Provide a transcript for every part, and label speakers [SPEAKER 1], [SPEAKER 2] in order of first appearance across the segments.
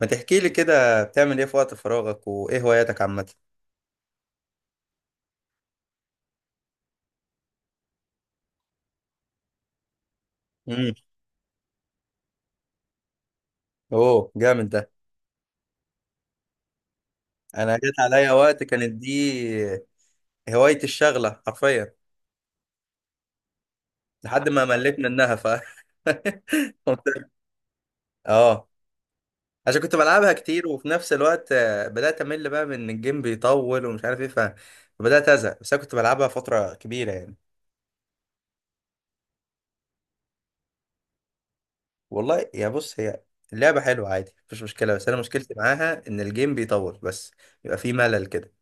[SPEAKER 1] ما تحكي لي كده بتعمل ايه في وقت فراغك وايه هواياتك عامة؟ امم. اوه، جامد ده. انا جت عليا وقت كانت دي هوايتي الشغلة حرفيا لحد ما مليت منها قمت- اه. عشان كنت بلعبها كتير وفي نفس الوقت بدأت امل بقى من إن الجيم بيطول ومش عارف ايه فبدأت ازهق، بس انا كنت بلعبها فترة كبيرة يعني. والله، يا بص، هي اللعبة حلوة عادي، مفيش مشكلة، بس انا مشكلتي معاها ان الجيم بيطول بس. يبقى فيه ملل كده.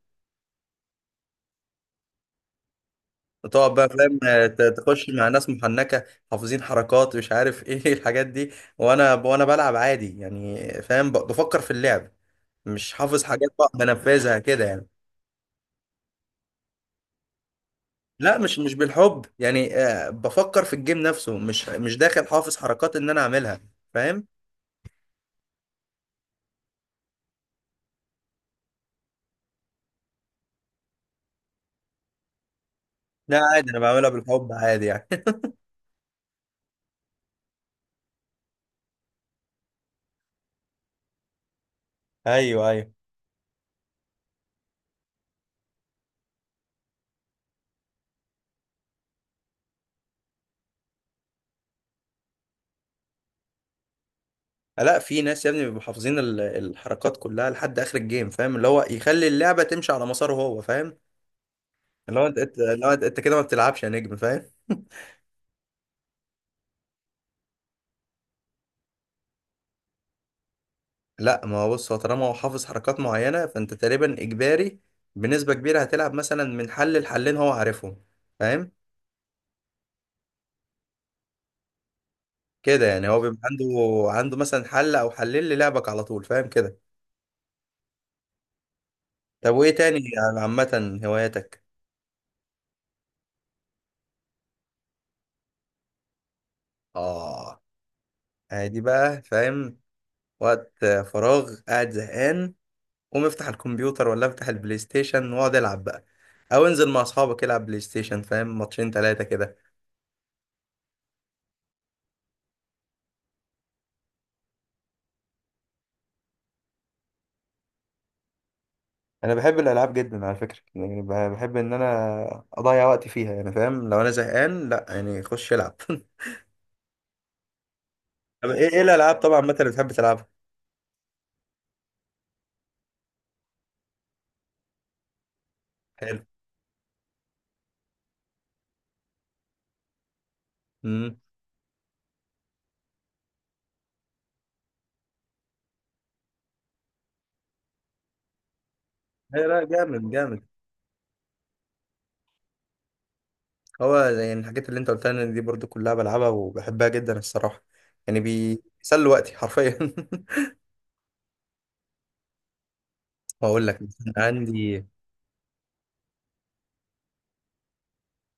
[SPEAKER 1] تقعد بقى، فاهم. تخش مع ناس محنكه، حافظين حركات، مش عارف ايه الحاجات دي. وانا بلعب عادي يعني. فاهم، بفكر في اللعب. مش حافظ حاجات بقى بنفذها كده يعني. لا، مش بالحب يعني، بفكر في الجيم نفسه، مش داخل حافظ حركات ان انا اعملها. فاهم. لا عادي، انا بعملها بالحب عادي يعني. ايوه، ايوه. لا، في ناس يا ابني بيبقوا حافظين الحركات كلها لحد اخر الجيم، فاهم، اللي هو يخلي اللعبه تمشي على مساره هو، فاهم. اللي هو اللي هو انت كده ما بتلعبش يا نجم، فاهم. لا، ما هو بص، هو طالما هو حافظ حركات معينة، فأنت تقريبا إجباري بنسبة كبيرة هتلعب مثلا من حل لحلين هو عارفهم، فاهم كده يعني. هو بيبقى عنده مثلا حل أو حلين للعبك على طول، فاهم كده. طب وإيه تاني يعني، عامة هواياتك؟ آه، عادي بقى، فاهم. وقت فراغ، قاعد زهقان، قوم افتح الكمبيوتر ولا افتح البلاي ستيشن واقعد العب بقى، أو انزل مع أصحابك العب بلاي ستيشن، فاهم، ماتشين تلاتة كده. انا بحب الالعاب جدا على فكره يعني، بحب ان انا اضيع وقتي فيها يعني، فاهم. لو انا زهقان، لا يعني، خش العب طب، ايه الالعاب طبعا مثلا اللي بتحب تلعبها؟ حلو. امم. لا لا، جامد جامد. هو يعني الحاجات اللي انت قلتها لي دي برضو كلها بلعبها وبحبها جدا الصراحه، يعني بيسلوا وقتي حرفيا واقول لك مثلاً عندي.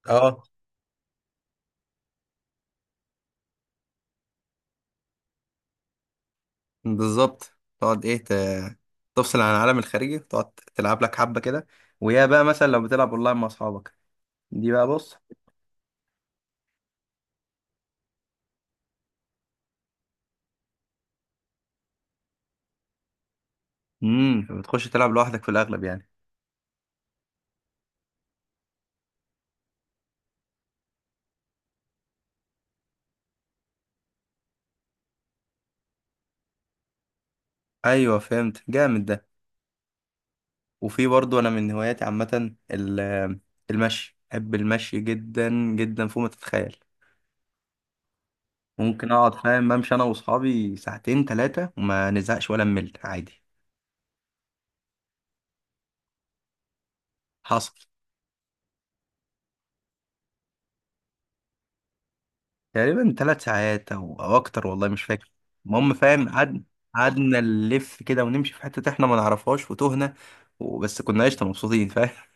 [SPEAKER 1] اه، بالظبط. تقعد ايه تفصل عن العالم الخارجي، تقعد تلعب لك حبه كده، ويا بقى مثلا لو بتلعب اونلاين مع اصحابك، دي بقى بص. فبتخش تلعب لوحدك في الاغلب يعني. ايوه، فهمت، جامد ده. وفي برضه انا من هواياتي عامه المشي، بحب المشي جدا جدا فوق ما تتخيل. ممكن اقعد، فاهم، امشي انا واصحابي ساعتين 3 وما نزهقش ولا نمل عادي. حصل. تقريبا 3 ساعات او اكتر، والله مش فاكر. المهم فاهم، قعدنا نلف كده ونمشي في حته احنا ما نعرفهاش وتهنا، وبس كنا قشطه مبسوطين، فاهم.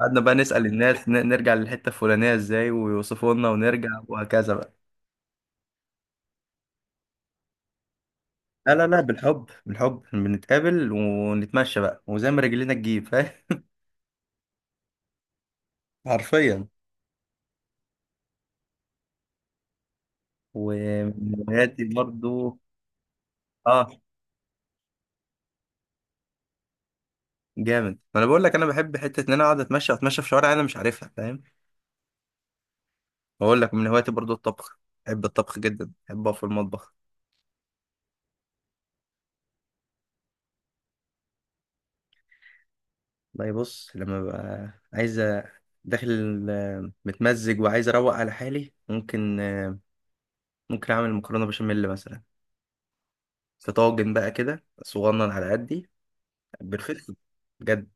[SPEAKER 1] قعدنا بقى نسأل الناس نرجع للحتة الفلانية ازاي، ويوصفوا لنا ونرجع وهكذا بقى. لا لا لا، بالحب بالحب، بنتقابل ونتمشى بقى وزي ما رجلينا تجيب، فاهم. حرفيا. ومن هواياتي برضو. اه. جامد، ما انا بقول لك، انا بحب حتة ان انا اقعد اتمشى في شوارع انا مش عارفها، فاهم. بقول لك من هواياتي برضو الطبخ، بحب الطبخ جدا، بحب اقف في المطبخ. والله، بص، لما ببقى عايز داخل، متمزج وعايز اروق على حالي، ممكن اعمل مكرونه بشاميل مثلا، في طاجن بقى كده صغنن على قدي بالفلفل، بجد،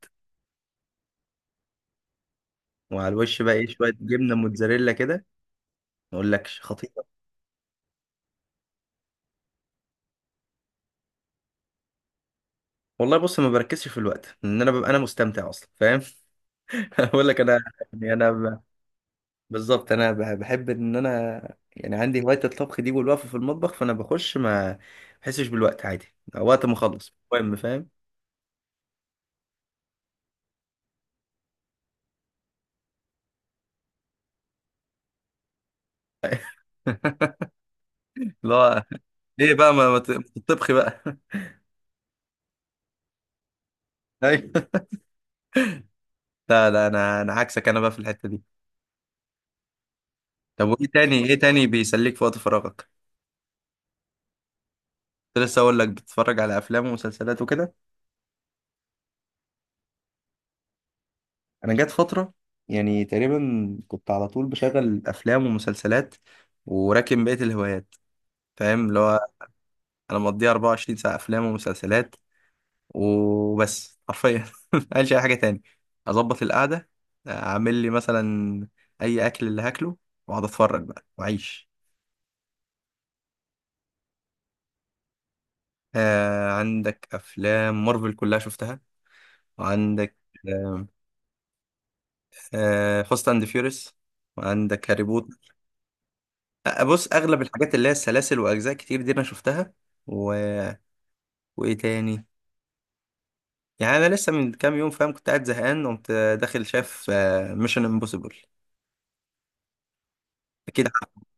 [SPEAKER 1] وعلى الوش بقى ايه شويه جبنه موتزاريلا كده، ما اقولكش خطيره. والله بص، ما بركزش في الوقت لان انا ببقى انا مستمتع اصلا، فاهم. اقول لك انا، يعني بالظبط، انا بحب ان انا يعني عندي هوايه الطبخ دي والوقفه في المطبخ، فانا بخش ما بحسش بالوقت عادي، وقت ما اخلص المهم، فاهم. لا. ايه بقى، ما تطبخي بقى ايوه. لا لا، انا عكسك، انا بقى في الحته دي. طب، وايه تاني بيسليك في وقت فراغك؟ كنت لسه اقول لك بتتفرج على افلام ومسلسلات وكده. انا جت فتره، يعني تقريبا كنت على طول بشغل افلام ومسلسلات وراكن بقيه الهوايات، فاهم، اللي هو انا مقضيها 24 ساعه افلام ومسلسلات وبس، حرفيا مقالش اي حاجه تاني، اظبط القعده، اعمل لي مثلا اي اكل اللي هاكله، واقعد اتفرج بقى واعيش. عندك افلام مارفل كلها شفتها، وعندك فاست اند فيوريس، وعندك هاري بوتر. بص، اغلب الحاجات اللي هي السلاسل واجزاء كتير دي انا شفتها و... وايه تاني. يعني انا لسه من كام يوم، فاهم، كنت قاعد زهقان، قمت داخل شاف ميشن امبوسيبل، اكيد عارف.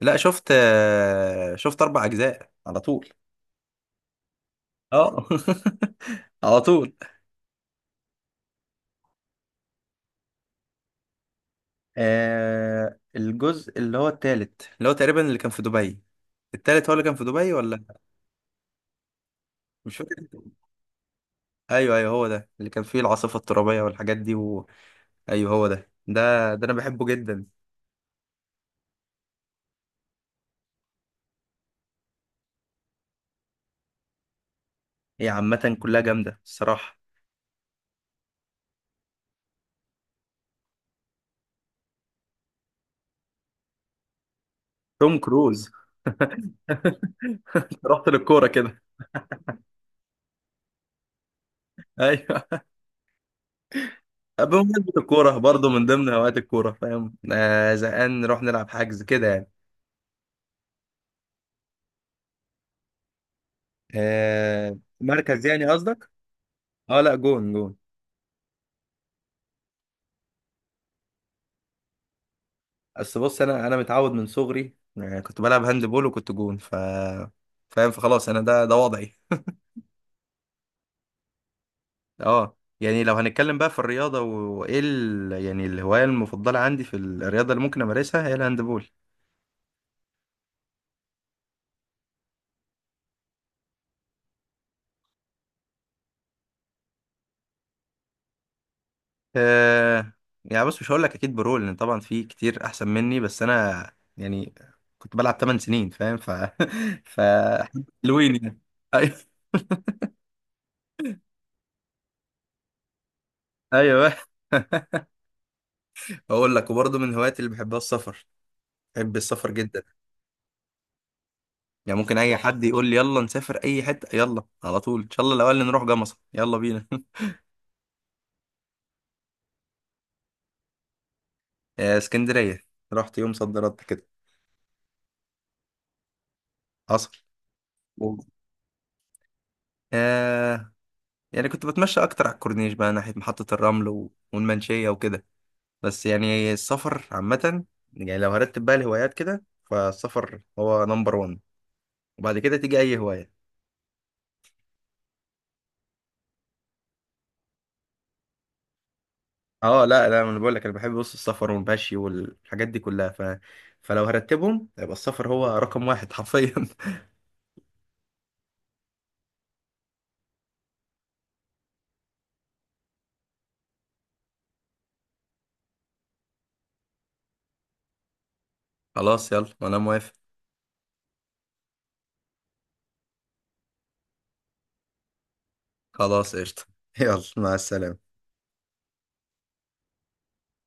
[SPEAKER 1] لا، شفت 4 اجزاء على طول. اه. على طول. الجزء اللي هو التالت، اللي هو تقريبا اللي كان في دبي، التالت هو اللي كان في دبي ولا، مش فاكر. ايوه ايوه، هو ده اللي كان فيه العاصفه الترابيه والحاجات دي، ايوه هو ده انا بحبه جدا. هي عامه كلها جامده الصراحه. توم كروز. أنت رحت للكوره كده. ايوه، بمناسبه الكوره برضه، من ضمن هوايات الكوره، فاهم، زهقان نروح نلعب حجز كده يعني. مركز يعني قصدك؟ اه، لا، جون جون. اصل بص، انا متعود من صغري، كنت بلعب هاند بول وكنت جون، فاهم، فخلاص انا ده وضعي. اه يعني، لو هنتكلم بقى في الرياضة، وايه يعني الهواية المفضلة عندي في الرياضة اللي ممكن امارسها هي الهاندبول. آه. يعني بص، مش هقول لك اكيد برول لان طبعا في كتير احسن مني، بس انا يعني، كنت بلعب 8 سنين، فاهم ف حلوين يعني، أيوة. ايوه. اقول لك، وبرضه من هواياتي اللي بحبها السفر، بحب السفر جدا. يعني ممكن اي حد يقول لي يلا نسافر اي حته، يلا على طول، ان شاء الله الاول نروح جمصة، يلا بينا اسكندريه، رحت يوم صد رد كده. حصل. و- آه يعني كنت بتمشى اكتر على الكورنيش بقى، ناحيه محطه الرمل والمنشيه وكده. بس يعني السفر عامه، يعني لو هرتب بقى الهوايات كده، فالسفر هو نمبر 1، وبعد كده تيجي اي هوايه. اه، لا لا، انا بقول لك انا بحب، بص، السفر والمشي والحاجات دي كلها فلو هرتبهم يبقى السفر هو رقم واحد حرفيا. خلاص يلا، انا موافق. خلاص قشطه. يلا، مع السلامه.